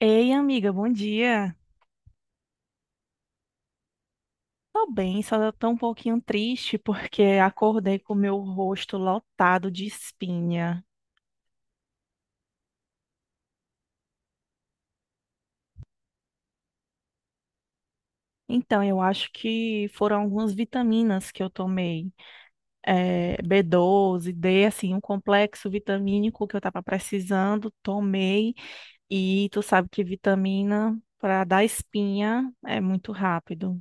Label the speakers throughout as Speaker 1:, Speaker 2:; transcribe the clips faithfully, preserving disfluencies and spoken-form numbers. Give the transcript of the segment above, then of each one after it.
Speaker 1: Ei, amiga, bom dia. Tô bem, só tô um pouquinho triste porque acordei com o meu rosto lotado de espinha. Então, eu acho que foram algumas vitaminas que eu tomei, eh, B doze, D, assim, um complexo vitamínico que eu tava precisando, tomei. E tu sabe que vitamina para dar espinha é muito rápido.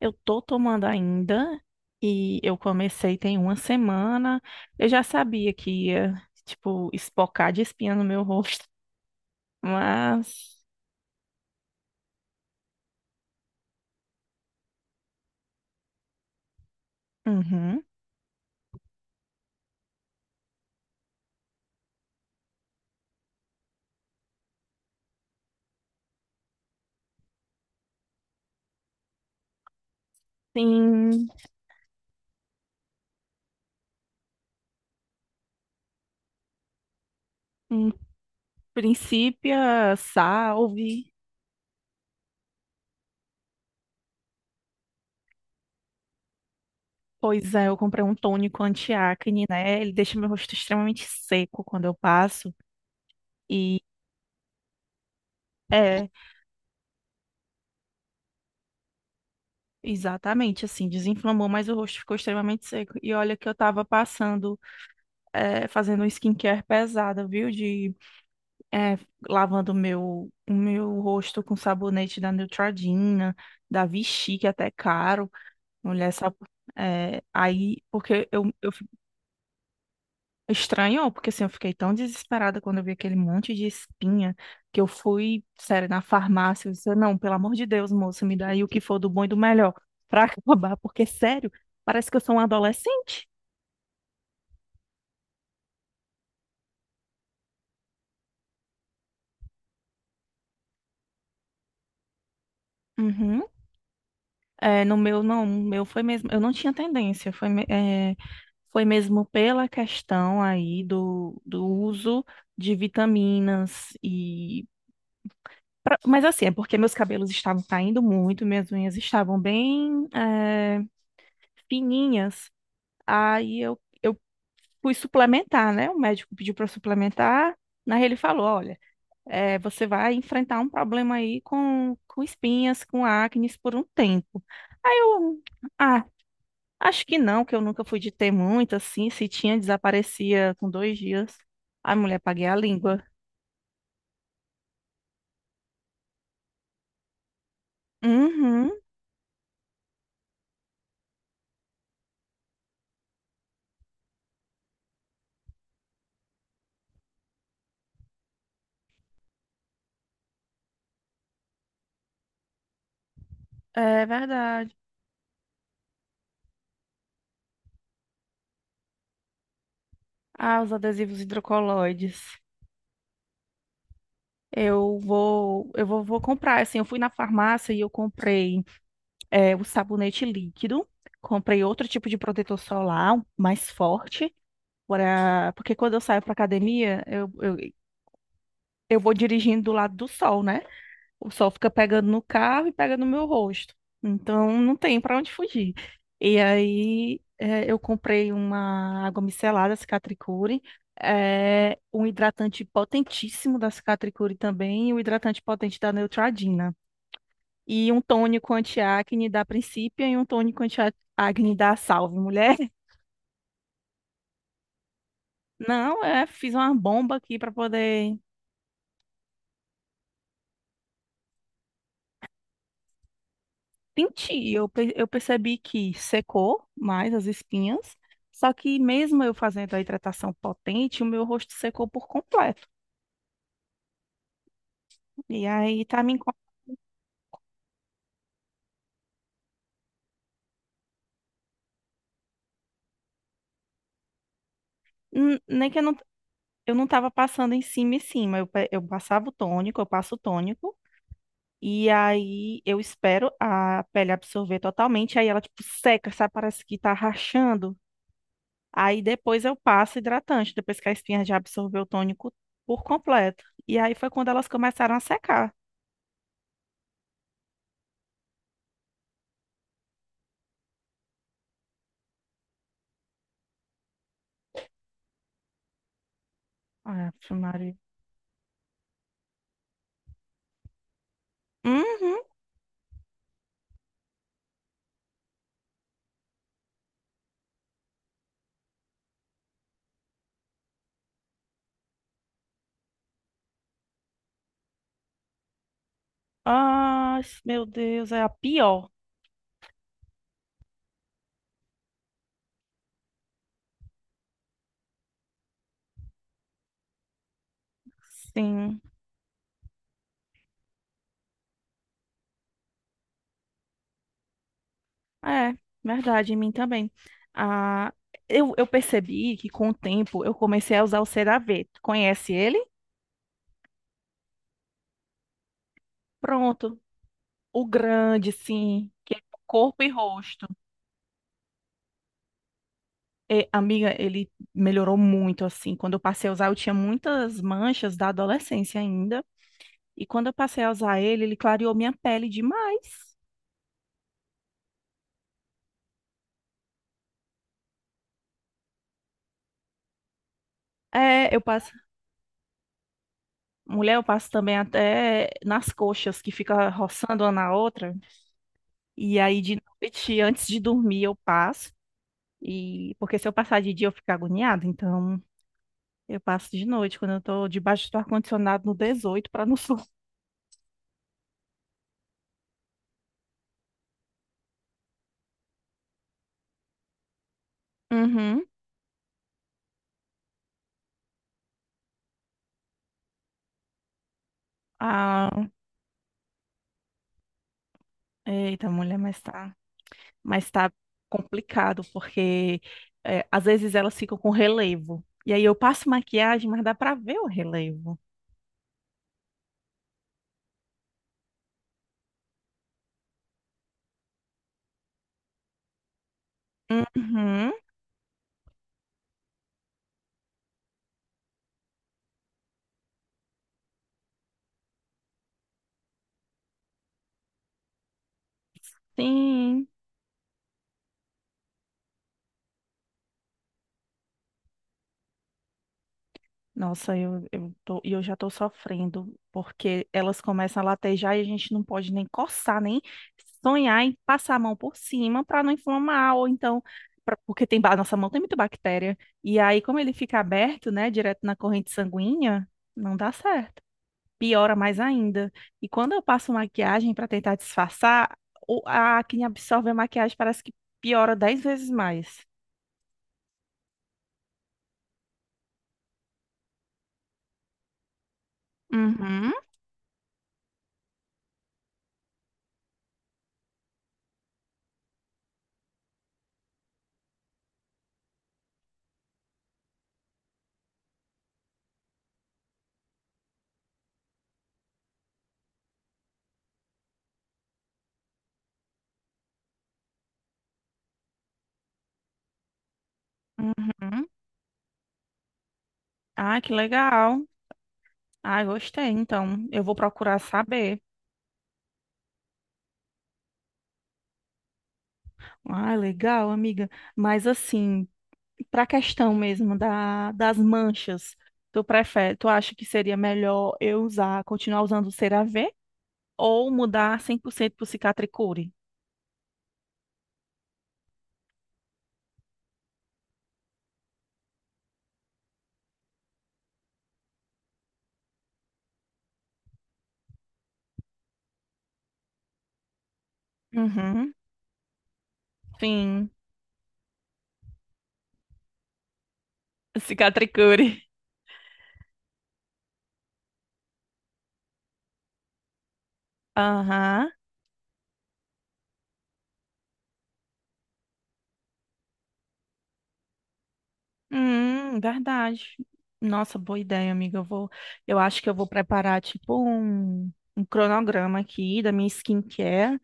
Speaker 1: Eu tô tomando ainda e eu comecei tem uma semana. Eu já sabia que ia, tipo, espocar de espinha no meu rosto, mas uhum. Sim, em princípio, salve. Pois é, eu comprei um tônico anti-acne, né? Ele deixa meu rosto extremamente seco quando eu passo e é, exatamente assim, desinflamou, mas o rosto ficou extremamente seco. E olha que eu tava passando, é, fazendo um skincare pesada, viu? De é, lavando o meu, o meu rosto com sabonete da Neutrogena, da Vichy, que é até caro. Mulher, sabe? É, aí, porque eu, eu fico- estranho, porque assim, eu fiquei tão desesperada quando eu vi aquele monte de espinha que eu fui, sério, na farmácia, eu disse, não, pelo amor de Deus, moça, me dá aí o que for do bom e do melhor pra acabar, porque sério, parece que eu sou um adolescente. Uhum. É, no meu, não, no meu foi mesmo, eu não tinha tendência, foi, me- é, foi mesmo pela questão aí do, do uso de vitaminas e... pra- mas assim, é porque meus cabelos estavam caindo muito, minhas unhas estavam bem, é, fininhas, aí eu, eu fui suplementar, né? O médico pediu para suplementar, na ele falou, olha, é, você vai enfrentar um problema aí com, com espinhas, com acnes por um tempo. Aí eu... Ah, acho que não, que eu nunca fui de ter muito, assim. Se tinha, desaparecia com dois dias. Ai, mulher, paguei a língua. Uhum, é verdade. Ah, os adesivos hidrocoloides. Eu vou, eu vou, vou comprar, assim, eu fui na farmácia e eu comprei é, o sabonete líquido, comprei outro tipo de protetor solar, um mais forte, pra, porque quando eu saio para academia, eu, eu, eu vou dirigindo do lado do sol, né? O sol fica pegando no carro e pega no meu rosto. Então não tem para onde fugir. E aí eh, eu comprei uma água micelada, Cicatricure, eh, um hidratante potentíssimo da Cicatricure também, e um hidratante potente da Neutrogena. E um tônico anti-acne da Principia e um tônico anti-acne da Salve, mulher. Não, é, fiz uma bomba aqui para poder senti, eu, pe- eu percebi que secou mais as espinhas, só que mesmo eu fazendo a hidratação potente, o meu rosto secou por completo. E aí tá me incom- N- nem que eu não eu não tava passando em cima e cima, eu, pe- eu passava o tônico, eu passo o tônico e aí eu espero a pele absorver totalmente, aí ela tipo seca, sabe, parece que tá rachando. Aí depois eu passo hidratante, depois que a espinha já absorveu o tônico por completo. E aí foi quando elas começaram a secar. Ave Maria. Uhum. Ai, meu Deus, é a pior. Sim, é verdade, em mim também. Ah, eu, eu percebi que com o tempo eu comecei a usar o CeraVe. Tu conhece ele? Pronto. O grande, sim, que é corpo e rosto. E, amiga, ele melhorou muito, assim. Quando eu passei a usar, eu tinha muitas manchas da adolescência ainda. E quando eu passei a usar ele, ele clareou minha pele demais. É, eu passei. Mulher, eu passo também até nas coxas, que fica roçando uma na outra. E aí, de noite, antes de dormir, eu passo. E porque se eu passar de dia, eu fico agoniada. Então, eu passo de noite, quando eu tô debaixo do ar-condicionado no dezoito para não sul. Uhum. Ah, eita, mulher, mas tá, mas tá complicado, porque é, às vezes elas ficam com relevo. E aí eu passo maquiagem, mas dá pra ver o relevo. Uhum. Sim. Nossa, eu, eu tô, e eu já tô sofrendo, porque elas começam a latejar e a gente não pode nem coçar, nem sonhar em passar a mão por cima para não inflamar, ou então, pra- porque tem, ba- nossa mão tem muita bactéria. E aí, como ele fica aberto, né, direto na corrente sanguínea, não dá certo. Piora mais ainda. E quando eu passo maquiagem para tentar disfarçar, o- a acne absorve a maquiagem, parece que piora dez vezes mais. Uhum, uhum. Ah, que legal. Ah, gostei. Então, eu vou procurar saber. Ah, legal, amiga. Mas assim, para a questão mesmo da, das manchas, tu prefere, tu acha que seria melhor eu usar, continuar usando o CeraVe ou mudar cem por cento pro Cicatricure? Uhum. Sim, Cicatricure. Aham. Hum, verdade. Nossa, boa ideia, amiga. Eu vou, eu acho que eu vou preparar tipo um, um cronograma aqui da minha skincare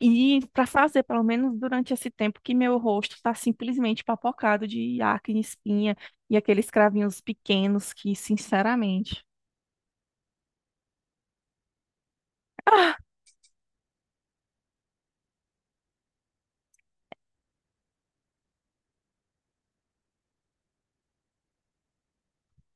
Speaker 1: e para fazer, pelo menos durante esse tempo que meu rosto está simplesmente papocado de acne, espinha e aqueles cravinhos pequenos que, sinceramente.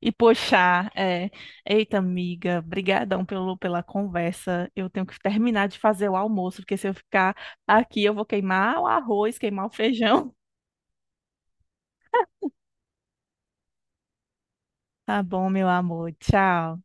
Speaker 1: E poxa, é, eita amiga, brigadão pelo, pela conversa. Eu tenho que terminar de fazer o almoço, porque se eu ficar aqui eu vou queimar o arroz, queimar o feijão. Tá bom, meu amor. Tchau.